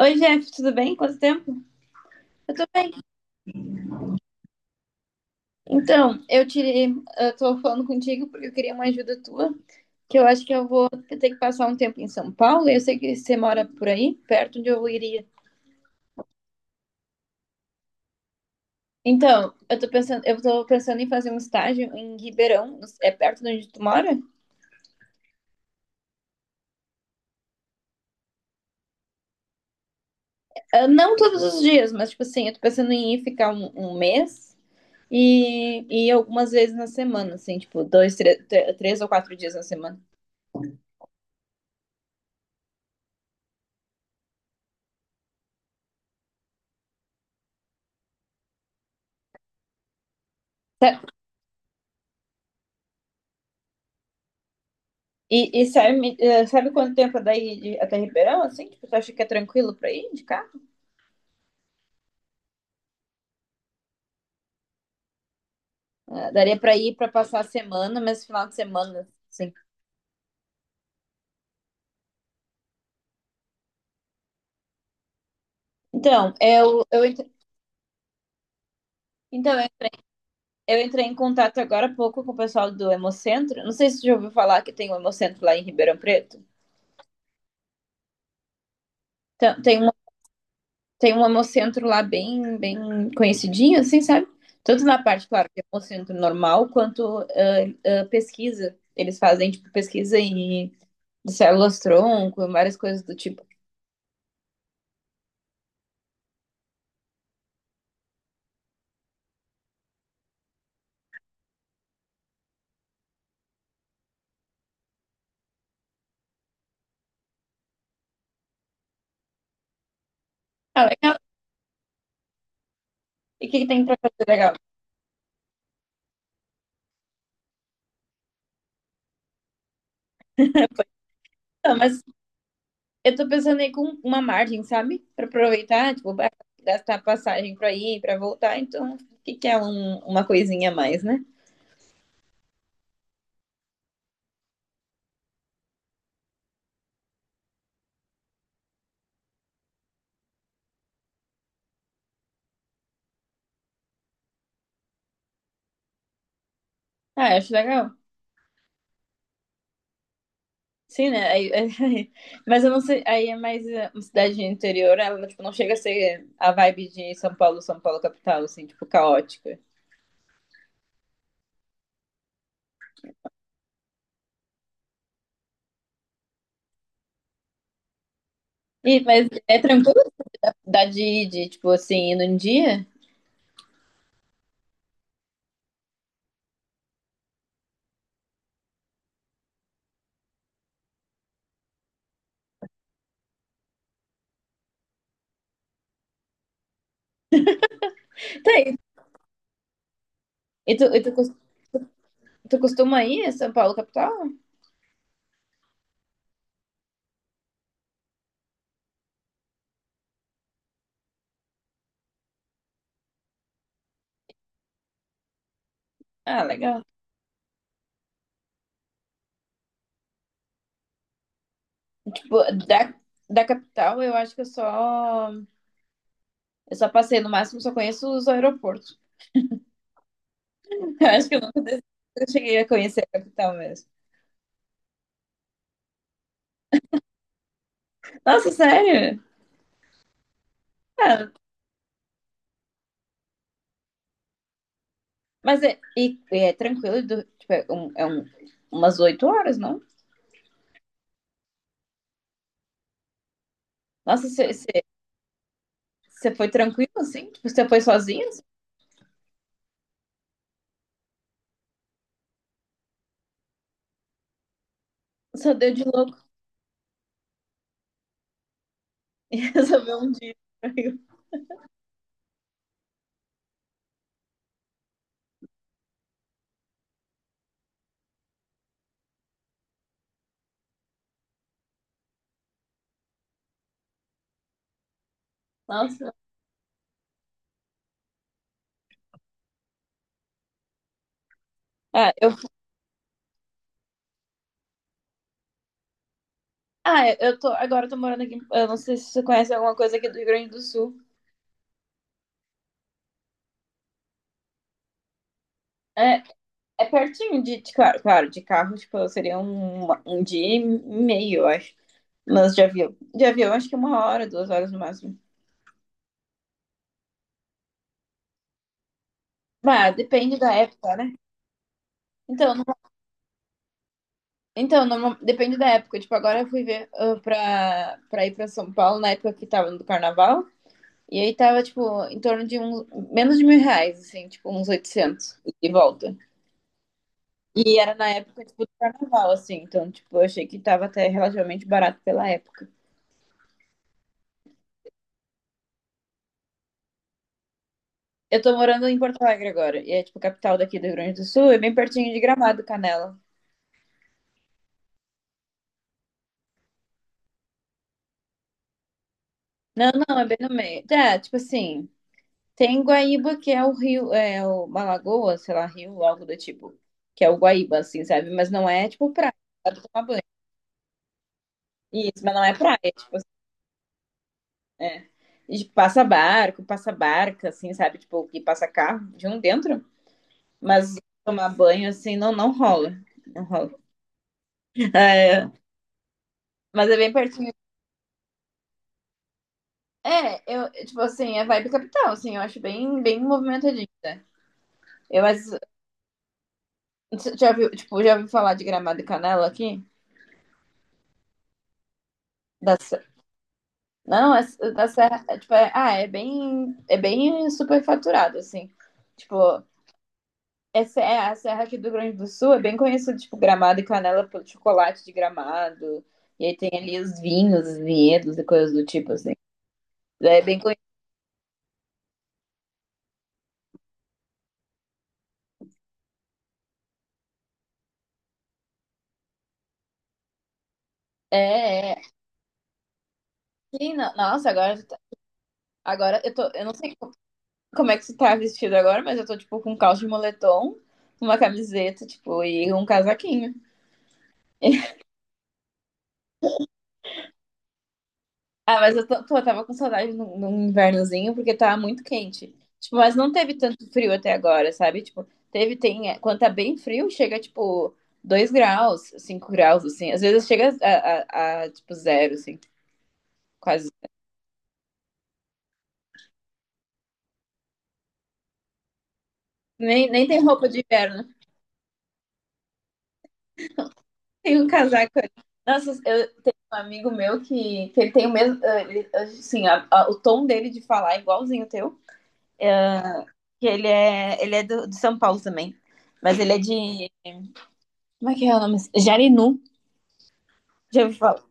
Oi, Jeff, tudo bem? Quanto tempo? Eu tô bem. Então, eu tô falando contigo porque eu queria uma ajuda tua, que eu acho que eu vou ter que passar um tempo em São Paulo, e eu sei que você mora por aí, perto de onde eu iria. Então, eu tô pensando em fazer um estágio em Ribeirão, é perto de onde tu mora? Ah, não todos os dias, mas tipo assim, eu tô pensando em ir ficar um mês e algumas vezes na semana, assim, tipo, 3 ou 4 dias na semana. E sabe, sabe quanto tempo é até Ribeirão, assim? Tipo, tu acha que é tranquilo pra ir de carro? Ah, daria pra ir pra passar a semana, mas final de semana, assim. Então, então, eu eu entrei em contato agora há pouco com o pessoal do Hemocentro. Não sei se você já ouviu falar que tem um Hemocentro lá em Ribeirão Preto. Então, tem um Hemocentro lá bem, bem conhecidinho, assim, sabe? Tanto na parte, claro, de Hemocentro normal, quanto pesquisa. Eles fazem, tipo, pesquisa e de células-tronco, várias coisas do tipo. Ah, legal. E o que, que tem pra fazer legal? Não, mas eu tô pensando aí com uma margem, sabe? Pra aproveitar, tipo, gastar passagem pra ir, pra voltar. Então, o que, que é uma coisinha a mais, né? Ah, eu acho legal. Sim, né? Mas eu não sei. Aí é mais é, uma cidade interior, ela, tipo, não chega a ser a vibe de São Paulo, São Paulo capital, assim, tipo, caótica. E, mas é tranquilo? Dá de, tipo, assim, ir num dia? Tá, aí, e tu, e tu tu costuma ir a São Paulo, capital? Ah, legal. Tipo, da, da capital, eu acho que eu só. Eu só passei, no máximo, só conheço os aeroportos. Eu acho que eu nunca des- eu cheguei a conhecer a capital mesmo. Nossa, sério? Ah, mas é tranquilo, tipo, umas 8 horas, não? Nossa, você foi tranquilo assim? Tipo, você foi sozinho? Assim? Só deu de louco. E resolveu um dia. Nossa. Ah, eu Ah, é, agora eu tô morando aqui. Eu não sei se você conhece alguma coisa aqui do Rio Grande do Sul. É, é pertinho de, claro, claro, de carro, tipo, seria um dia e meio, eu acho. Mas de avião. De avião, acho que é uma hora, 2 horas no máximo. Ah, depende da época, né? Então, no- então no- depende da época. Tipo, agora eu fui ver pra, pra ir pra São Paulo na época que tava no carnaval. E aí tava, tipo, em torno de menos de 1.000 reais, assim, tipo, uns 800 e volta. E era na época, tipo, do carnaval, assim. Então, tipo, eu achei que tava até relativamente barato pela época. Eu tô morando em Porto Alegre agora. E é, tipo, a capital daqui do Rio Grande do Sul. É bem pertinho de Gramado, Canela. Não, não, é bem no meio. Tá, tipo assim. Tem Guaíba, que é o rio. É o uma lagoa, sei lá, rio, algo do tipo. Que é o Guaíba, assim, sabe? Mas não é, tipo, praia. Dá pra tomar banho. Isso, mas não é praia, tipo assim, é. E, tipo, passa barco, passa barca, assim, sabe? Tipo, que passa carro de um dentro. Mas tomar banho, assim, não, não rola. Não rola. É, mas é bem pertinho. É, eu, tipo assim, é vibe capital, assim, eu acho bem, bem movimentadinho, né? Eu mas, já ouviu falar de Gramado e Canela aqui? Da, Se- Não, é, da Serra, é, tipo, é, é bem superfaturado, assim. Tipo, é a Serra aqui do Rio Grande do Sul é bem conhecida, tipo, Gramado e Canela pelo chocolate de Gramado, e aí tem ali os vinhos, os vinhedos e coisas do tipo, assim. É bem. É, é. Sim, nossa, agora, agora eu tô. Eu não sei como é que tu tá vestido agora, mas eu tô, tipo, com um calço de moletom, uma camiseta, tipo, e um casaquinho. Ah, mas eu tô, pô, eu tava com saudade num invernozinho, porque tava muito quente. Tipo, mas não teve tanto frio até agora, sabe? Tipo, teve, tem. Quando tá bem frio, chega, tipo, 2 graus, 5 graus, assim. Às vezes chega a tipo, zero, assim, quase. Nem, nem tem roupa de inverno. Tem um casaco ali. Nossa, eu tenho um amigo meu que ele tem o mesmo. Assim, o tom dele de falar é igualzinho o teu. Que ele é do, de São Paulo também. Mas ele é de. Como é que é o nome? Jarinu, já ouvi falar.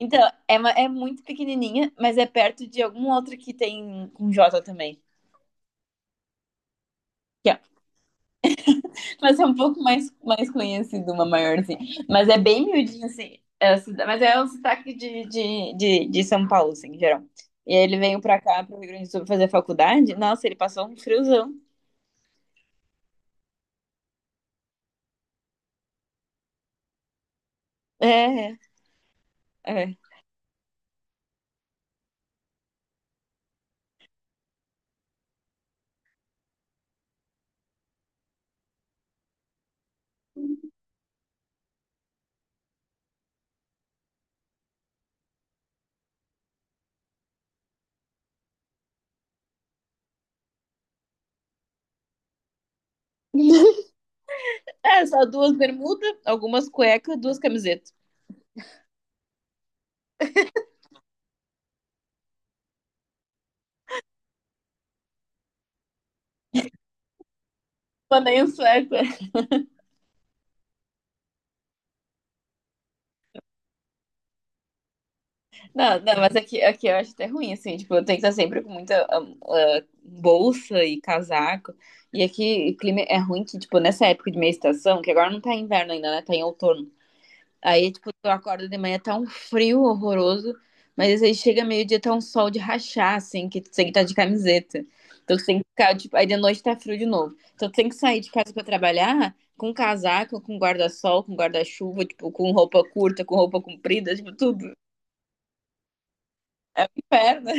Então, é muito pequenininha, mas é perto de algum outro que tem com J também. Mas é um pouco mais, mais conhecido, uma maiorzinha. Mas é bem miudinho, assim. É o mas é um sotaque de São Paulo, assim, em geral. E aí ele veio pra cá, pro Rio Grande do Sul, pra fazer faculdade. Nossa, ele passou um friozão. É, é. É, só duas bermudas, algumas cuecas, duas camisetas. Mandei um sueco. Não, não, mas aqui, aqui eu acho até ruim, assim, tipo, eu tenho que estar sempre com muita bolsa e casaco. E aqui o clima é ruim que, tipo, nessa época de meia estação, que agora não tá inverno ainda, né? Tá em outono. Aí, tipo, tu acorda de manhã, tá um frio horroroso, mas aí chega meio-dia, tá um sol de rachar, assim, que tu tem que estar de camiseta. Então tu tem que ficar, tipo, aí de noite tá frio de novo. Então tu tem que sair de casa pra trabalhar com casaco, com guarda-sol, com guarda-chuva, tipo, com roupa curta, com roupa comprida, tipo, tudo. Inferno.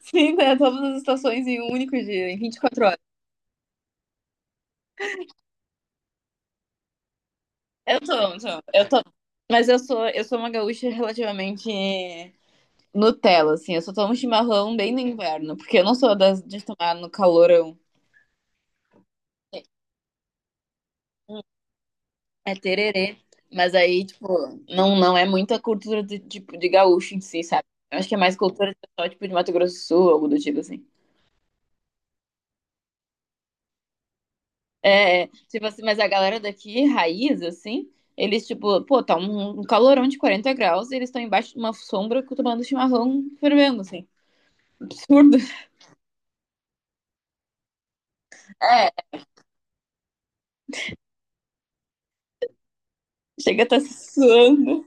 Sim, né? Todas as estações em um único dia, em 24 horas. Eu tô. Mas eu sou uma gaúcha relativamente Nutella, assim. Eu só tomo chimarrão bem no inverno, porque eu não sou das de tomar no calorão. É tererê. Mas aí, tipo, não, não é muita cultura de, tipo, de gaúcho em si, sabe? Eu acho que é mais cultura de pessoal, tipo, de Mato Grosso do Sul, algo do tipo assim. É, tipo assim, mas a galera daqui, raiz, assim, eles, tipo, pô, tá um calorão de 40 graus e eles estão embaixo de uma sombra tomando chimarrão fervendo, assim. Absurdo. É, chega a tá suando.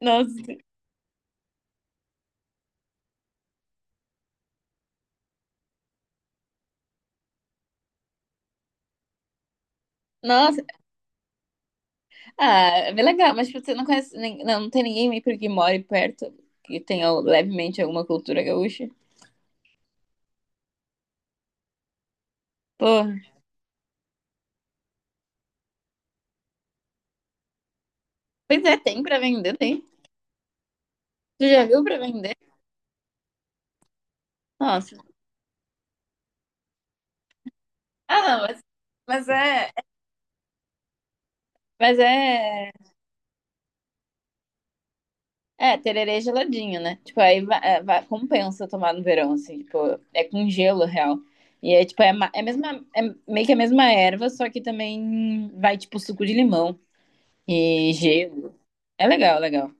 Nossa, nossa. Ah, é bem legal, mas tipo, você não conhece, não, não tem ninguém meio que more perto que tenha levemente alguma cultura gaúcha. Pô, pois é, tem pra vender, tem. Você já viu pra vender? Nossa. Ah, não, mas é. Mas é. É, tererê geladinho, né? Tipo, aí va- é, va- compensa tomar no verão, assim, tipo, é com gelo, real. E é tipo, é, ma- é, a mesma, é meio que a mesma erva, só que também vai, tipo, suco de limão e gelo. É legal, legal.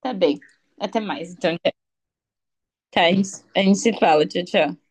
Tá bem. Até mais, então. Tá, a gente se fala. Tchau, tchau.